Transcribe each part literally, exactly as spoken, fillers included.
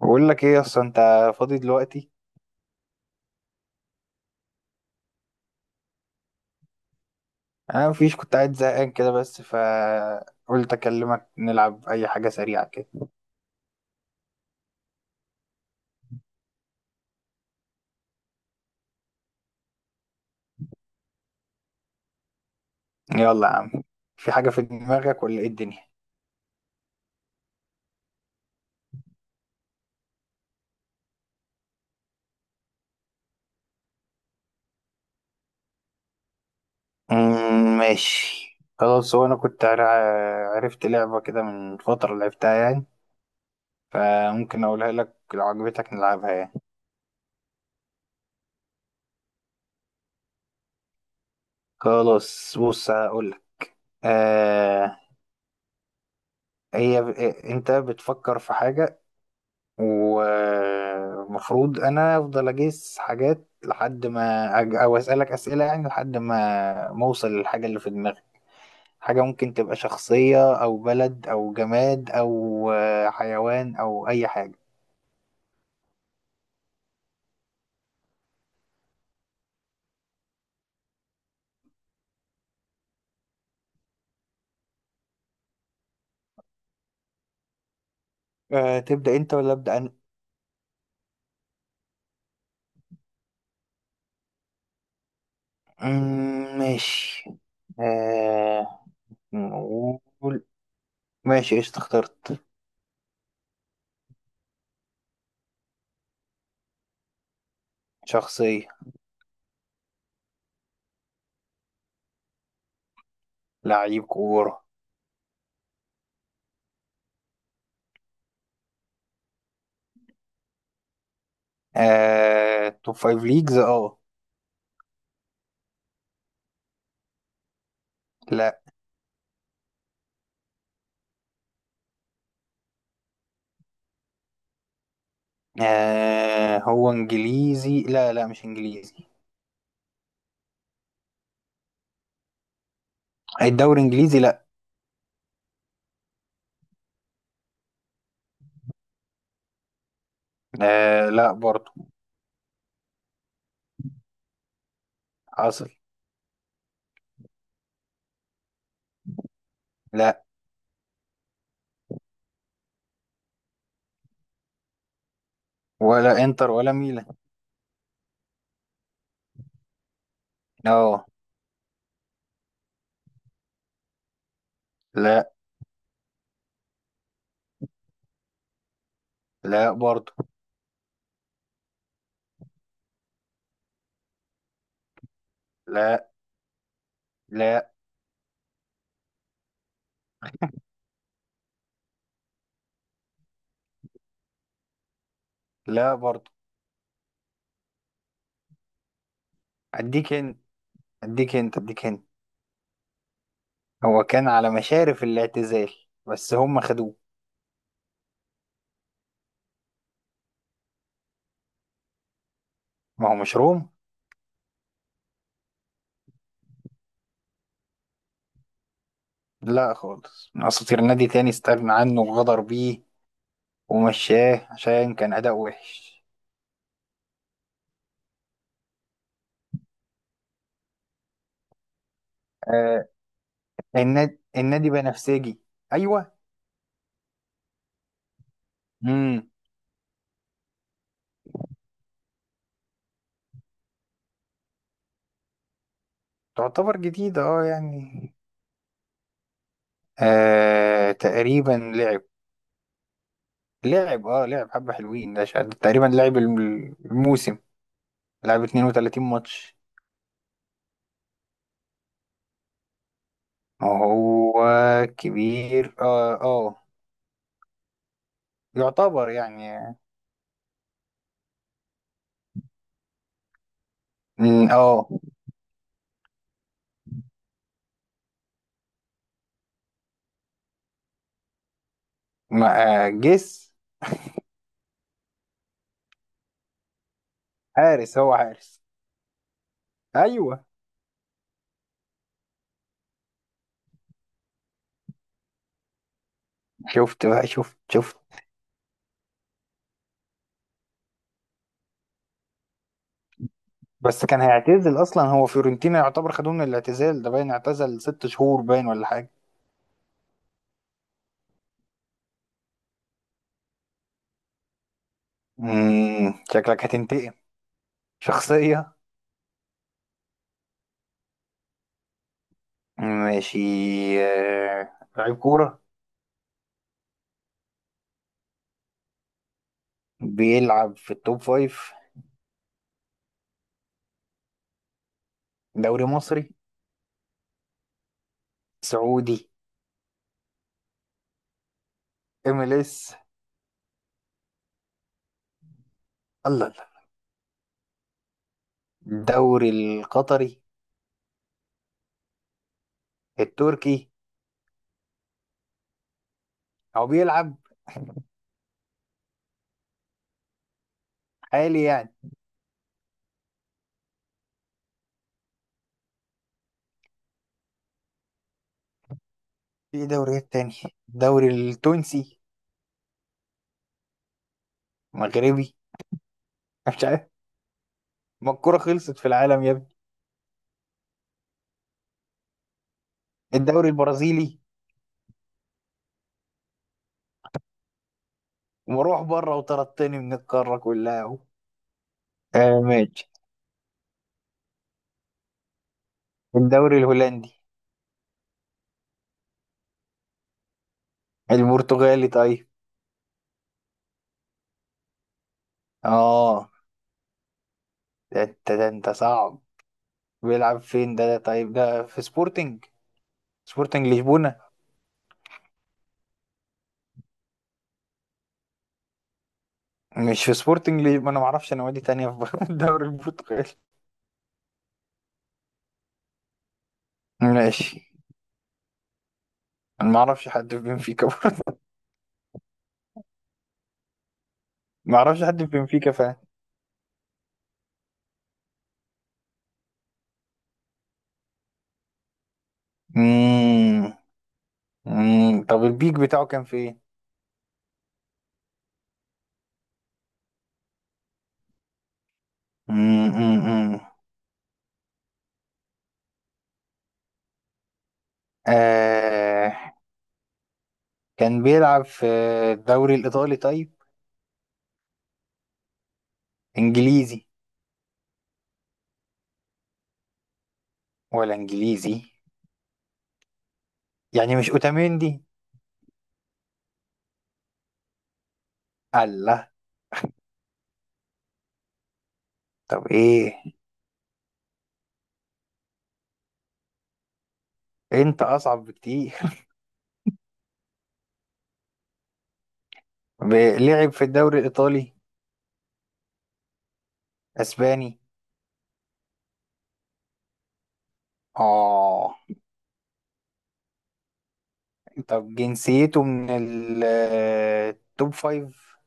بقول لك ايه، اصلا انت فاضي دلوقتي؟ انا مفيش، كنت قاعد زهقان كده بس فقلت اكلمك نلعب اي حاجه سريعه كده. يلا يا عم. في حاجه في دماغك ولا ايه الدنيا؟ أمم، ماشي. خلاص، هو انا كنت عر- عرفت لعبه كده من فتره لعبتها يعني. فممكن اقولها لك لو عجبتك نلعبها يعني. خلاص بص هقول لك. آه هي ب- انت بتفكر في حاجه، ومفروض انا افضل اجيس حاجات لحد ما أج... او اسالك اسئله يعني لحد ما ما اوصل للحاجه اللي في دماغي. حاجه ممكن تبقى شخصيه او بلد او جماد او آه، حيوان او اي حاجه. أه، تبدا انت ولا ابدا انا؟ أمم، ماشي. أه، نقول. ماشي، ايش اخترت؟ شخصيه. لعيب كوره. أه، توب فايف ليجز اه. لا. آه، هو انجليزي؟ لا لا، مش انجليزي. الدوري انجليزي؟ لا. آه، لا برضه. حصل. لا، ولا انتر ولا ميلان. اه. لا، لا برضه. لا، لا، لا برضه. اديك انت، اديك انت، اديك انت. هو كان على مشارف الاعتزال بس هم خدوه. ما هو مش روم. لا خالص، من اساطير نادي تاني استغنى عنه وغدر بيه ومشاه عشان كان اداء وحش. آه. النادي النادي بنفسجي. ايوه. امم. تعتبر جديدة اه يعني. آه، تقريبا لعب. لعب اه لعب حبة حلوين، ده شا- تقريبا لعب الم- الموسم. لعب اثنين وثلاثين ماتش. هو كبير، اه اه، يعتبر يعني. مم، اه. ما- آه، جس. حارس، هو حارس. ايوه. شفت بقى، شفت شفت. بس كان هيعتزل اصلا، هو فيورنتينا يعتبر خدوه من الاعتزال، ده باين اعتزل ست شهور باين ولا حاجة. مم، شكلك هتنتقم. شخصية. ماشي. آه، لعيب كورة. بيلعب في التوب فايف. دوري مصري؟ سعودي؟ ام ال اس؟ الله الله. الدوري القطري؟ التركي؟ هو بيلعب حالي يعني في دوريات تانية. الدوري التونسي؟ مغربي؟ مش عارف. ما الكورة خلصت في العالم يا ابني! الدوري البرازيلي؟ ومروح بره وطردتني من القارة كلها اهو. آه، ماشي. الدوري الهولندي؟ البرتغالي طيب؟ اه. ده انت، ده انت صعب. بيلعب فين ده؟ طيب، ده في سبورتنج؟ سبورتنج لشبونة؟ مش في سبورتنج لش... ما انا ما اعرفش نوادي تانية في بر- الدوري البرتغالي. ماشي. انا ما اعرفش حد في بنفيكا برضه. ما اعرفش حد في بنفيكا فعلا. امم. أمم. طب البيك بتاعه كان في ايه؟ أمم، أمم، أمم. آه... كان بيلعب في الدوري الايطالي طيب؟ انجليزي؟ ولا انجليزي؟ يعني مش اوتاميندي؟ الله. طب ايه؟ انت اصعب بكتير. ب- لعب في الدوري الايطالي؟ اسباني؟ اه. طب جنسيته من التوب فايف؟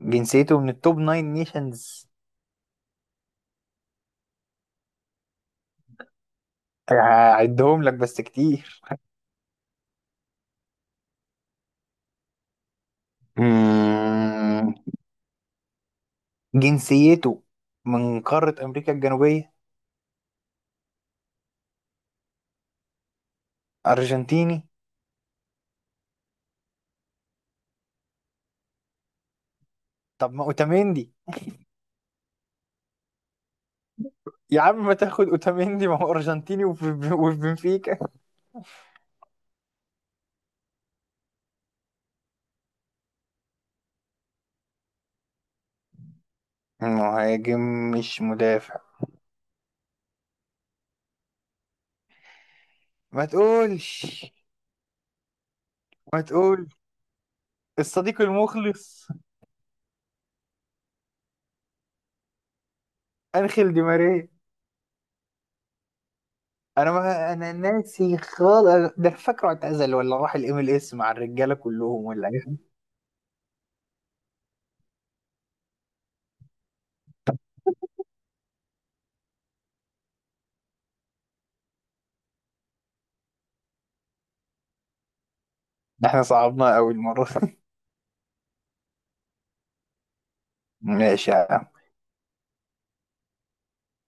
جنسيته من التوب ناين نيشنز. هعدهم لك بس كتير. مم. جنسيته من قارة أمريكا الجنوبية. أرجنتيني. طب ما أوتاميندي؟ يا عم، ما تاخد أوتاميندي، ما هو أرجنتيني وفي وفي بنفيكا. مهاجم مش مدافع. ما تقولش. ما تقول. الصديق المخلص. أنخيل دي ماريا. انا ما انا ناسي خالص، ده أنا فاكره اعتزل، ولا راح الام ال اس مع الرجاله كلهم ولا ايه؟ ده احنا صعبنا قوي المره. ماشي يا عم.